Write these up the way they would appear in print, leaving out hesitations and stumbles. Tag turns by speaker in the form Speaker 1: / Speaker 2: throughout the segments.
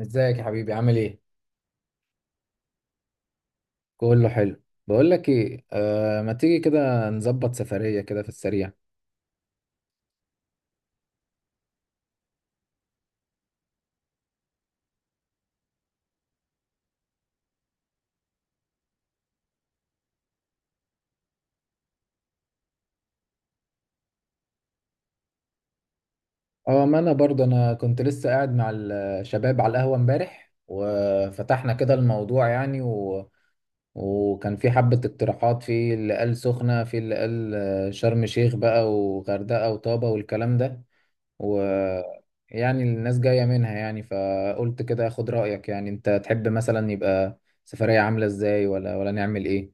Speaker 1: ازيك يا حبيبي، عامل ايه؟ كله حلو، بقول لك ايه، ما تيجي كده نظبط سفرية كده في السريع. اه، ما انا برضه انا كنت لسه قاعد مع الشباب على القهوة امبارح وفتحنا كده الموضوع وكان في حبة اقتراحات، في اللي قال سخنة، في اللي قال شرم شيخ بقى وغردقة وطابة والكلام ده و يعني الناس جاية منها. يعني فقلت كده اخد رأيك، يعني انت تحب مثلا يبقى سفرية عاملة ازاي ولا نعمل ايه؟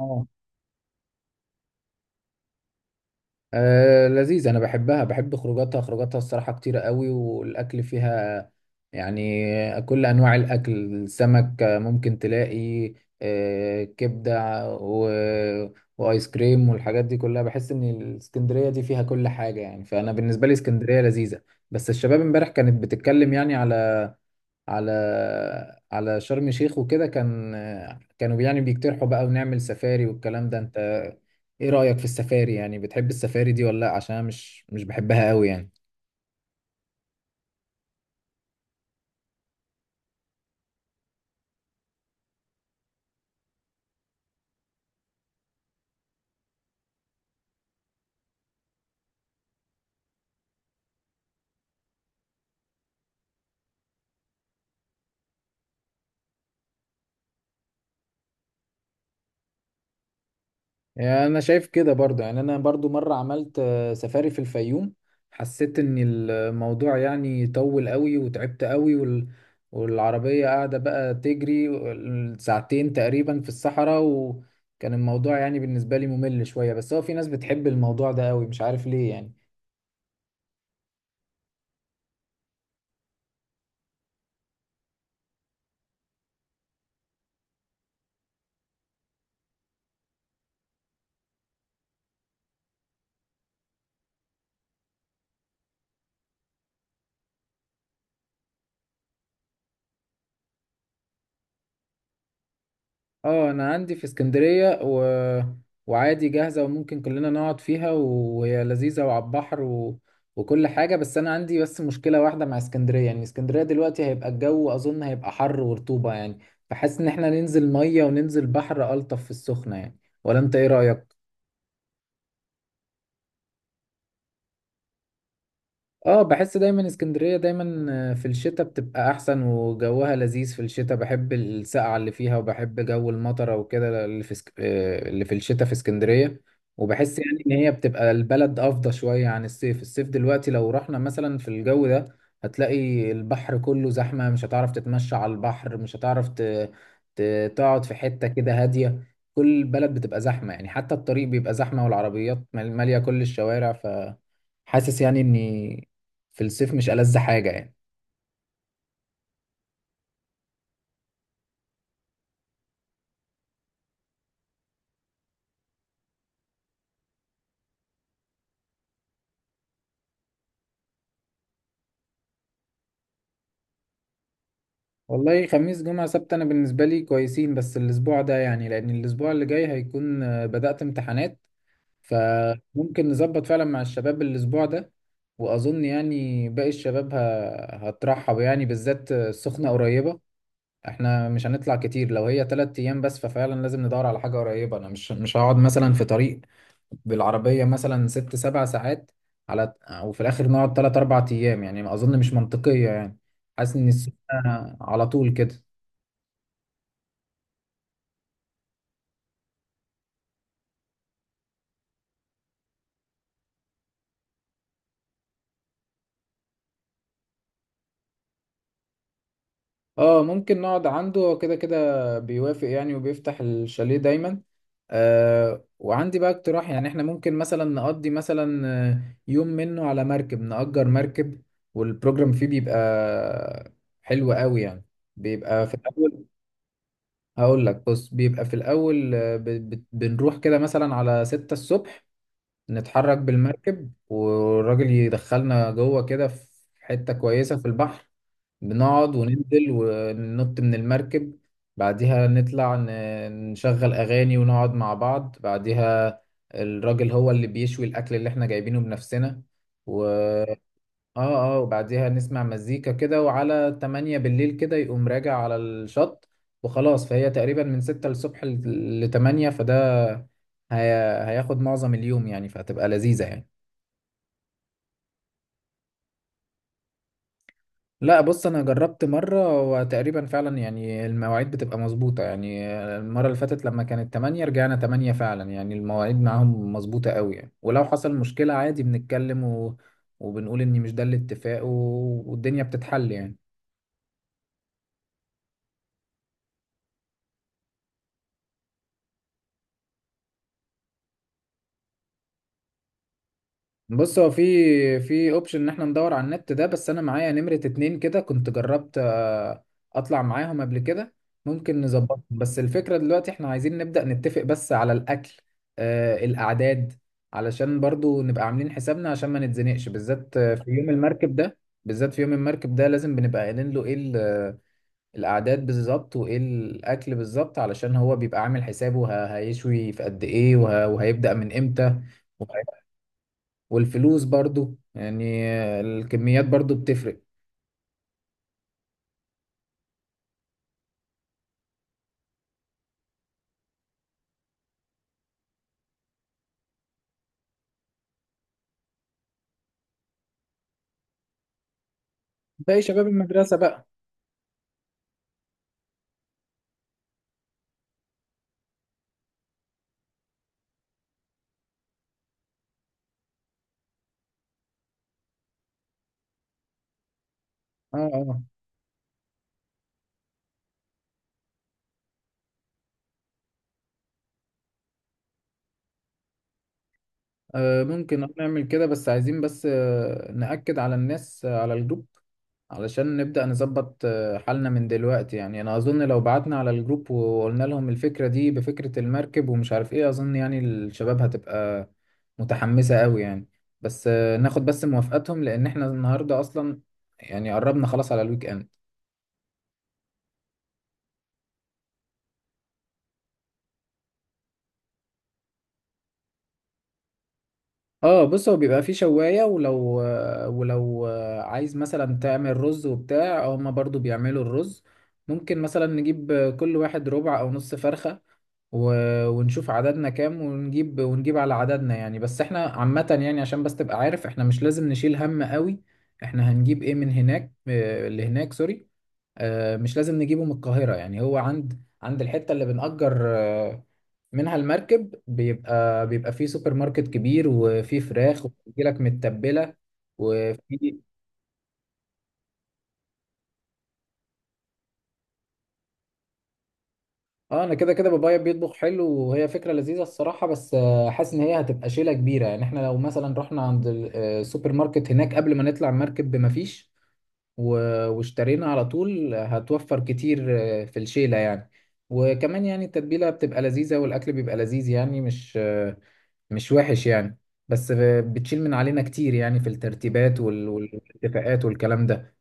Speaker 1: اه، لذيذ. انا بحبها، بحب خروجاتها خروجاتها الصراحه كتيره قوي والاكل فيها، يعني كل انواع الاكل، سمك، ممكن تلاقي كبده وايس كريم والحاجات دي كلها. بحس ان الاسكندريه دي فيها كل حاجه يعني، فانا بالنسبه لي اسكندريه لذيذه. بس الشباب امبارح كانت بتتكلم يعني على على شرم الشيخ وكده. كانوا يعني بيقترحوا بقى ونعمل سفاري والكلام ده. انت ايه رأيك في السفاري؟ يعني بتحب السفاري دي ولا لا؟ عشان أنا مش بحبها قوي يعني. يعني انا شايف كده برضو. يعني انا برضو مرة عملت سفاري في الفيوم، حسيت ان الموضوع يعني طول قوي وتعبت قوي والعربية قاعدة بقى تجري ساعتين تقريبا في الصحراء. وكان الموضوع يعني بالنسبة لي ممل شوية، بس هو في ناس بتحب الموضوع ده قوي، مش عارف ليه يعني. اه، انا عندي في اسكندرية وعادي جاهزة، وممكن كلنا نقعد فيها، وهي لذيذة وعلى البحر وكل حاجة. بس انا عندي بس مشكلة واحدة مع اسكندرية، يعني اسكندرية دلوقتي هيبقى الجو، اظن هيبقى حر ورطوبة يعني. فحاسس ان احنا ننزل مية وننزل بحر، الطف في السخنة، يعني ولا انت ايه رأيك؟ اه، بحس دايما اسكندرية دايما في الشتاء بتبقى احسن، وجوها لذيذ في الشتاء. بحب السقعة اللي فيها، وبحب جو المطرة وكده اللي في سك... آه، اللي في الشتاء في اسكندرية. وبحس يعني ان هي بتبقى البلد افضى شوية عن الصيف. الصيف دلوقتي لو رحنا مثلا في الجو ده هتلاقي البحر كله زحمة، مش هتعرف تتمشى على البحر، مش هتعرف ت... تقعد في حتة كده هادية. كل البلد بتبقى زحمة، يعني حتى الطريق بيبقى زحمة والعربيات مالية كل الشوارع، ف حاسس يعني اني في الصيف مش ألذ حاجة يعني. والله خميس جمعة سبت أنا بالنسبة لي كويسين، بس الأسبوع ده يعني، لأن الأسبوع اللي جاي هيكون بدأت امتحانات. فممكن نظبط فعلا مع الشباب الأسبوع ده. وأظن يعني باقي الشباب هترحب يعني، بالذات السخنة قريبة. احنا مش هنطلع كتير، لو هي 3 أيام بس ففعلا لازم ندور على حاجة قريبة. أنا مش هقعد مثلا في طريق بالعربية مثلا 6 7 ساعات على، وفي الآخر نقعد 3 4 أيام، يعني ما أظن مش منطقية يعني. حاسس إن السخنة على طول كده. اه، ممكن نقعد عنده. هو كده كده بيوافق يعني، وبيفتح الشاليه دايما. وعندي بقى اقتراح، يعني احنا ممكن مثلا نقضي مثلا يوم منه على مركب، نأجر مركب، والبروجرام فيه بيبقى حلو قوي يعني. بيبقى في الأول، هقول لك بص، بيبقى في الأول بنروح كده مثلا على 6 الصبح، نتحرك بالمركب والراجل يدخلنا جوه كده في حتة كويسة في البحر، بنقعد وننزل وننط من المركب. بعديها نطلع نشغل أغاني ونقعد مع بعض. بعديها الراجل هو اللي بيشوي الأكل اللي احنا جايبينه بنفسنا. اه اه، وبعديها نسمع مزيكا كده، وعلى 8 بالليل كده يقوم راجع على الشط وخلاص. فهي تقريبا من 6 الصبح ل 8، فده هي... هياخد معظم اليوم يعني، فهتبقى لذيذة يعني. لا، بص، انا جربت مرة وتقريبا فعلا يعني المواعيد بتبقى مظبوطة يعني. المرة اللي فاتت لما كانت 8 رجعنا 8 فعلا، يعني المواعيد معاهم مظبوطة قوي يعني. ولو حصل مشكلة عادي بنتكلم وبنقول ان مش ده الاتفاق والدنيا بتتحل يعني. بص، هو في اوبشن ان احنا ندور على النت ده، بس انا معايا نمرة 2. كده كنت جربت اطلع معاهم قبل كده، ممكن نظبطهم. بس الفكرة دلوقتي احنا عايزين نبدأ نتفق بس على الاكل، الاعداد، علشان برضو نبقى عاملين حسابنا عشان ما نتزنقش، بالذات في يوم المركب ده. بالذات في يوم المركب ده لازم بنبقى قايلين له ايه الاعداد بالظبط وايه الاكل بالظبط، علشان هو بيبقى عامل حسابه هيشوي في قد ايه وهيبدأ من امتى. والفلوس برضو يعني، الكميات برضو بتفرق. باقي شباب المدرسة بقى. اه اه، ممكن نعمل كده، بس عايزين بس نأكد على الناس، على الجروب، علشان نبدأ نظبط حالنا من دلوقتي. يعني أنا أظن لو بعتنا على الجروب وقلنا لهم الفكرة دي، بفكرة المركب ومش عارف إيه، أظن يعني الشباب هتبقى متحمسة قوي يعني. بس ناخد بس موافقتهم، لأن إحنا النهاردة أصلا يعني قربنا خلاص على الويك إند. اه، بص هو بيبقى فيه شواية، ولو عايز مثلا تعمل رز وبتاع، هما برضو بيعملوا الرز. ممكن مثلا نجيب كل واحد ربع او نص فرخة ونشوف عددنا كام ونجيب ونجيب على عددنا يعني. بس احنا عامة يعني، عشان بس تبقى عارف، احنا مش لازم نشيل هم قوي احنا هنجيب ايه من هناك. اللي هناك سوري، مش لازم نجيبه من القاهرة. يعني هو عند الحتة اللي بنأجر منها المركب، بيبقى فيه سوبر ماركت كبير وفيه فراخ وبتجيلك متبلة وفي اه، انا كده كده بابايا بيطبخ حلو، وهي فكرة لذيذة الصراحة، بس حاسس ان هي هتبقى شيلة كبيرة يعني. احنا لو مثلا رحنا عند السوبر ماركت هناك قبل ما نطلع المركب بمفيش واشترينا على طول، هتوفر كتير في الشيلة يعني. وكمان يعني التتبيلة بتبقى لذيذة والأكل بيبقى لذيذ، يعني مش وحش يعني. بس بتشيل من علينا كتير يعني في الترتيبات والاتفاقات والكلام ده.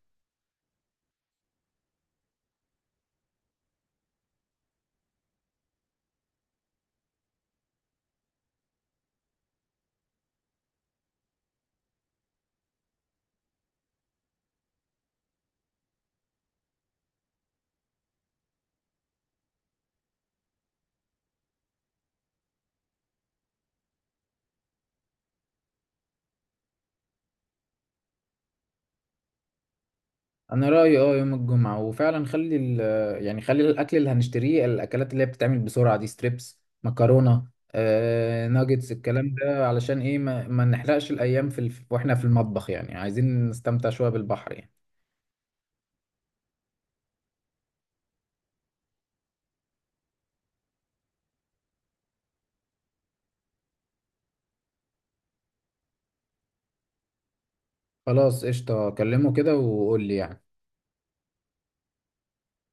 Speaker 1: انا رأيي، اه، يوم الجمعة، وفعلا خلي ال يعني خلي الاكل اللي هنشتريه، الاكلات اللي هي بتتعمل بسرعة دي، ستريبس، مكرونة، ناجتس الكلام ده، علشان ايه ما نحرقش الايام واحنا في المطبخ، يعني عايزين نستمتع شوية بالبحر يعني. خلاص قشطة، كلمه كده وقول لي يعني.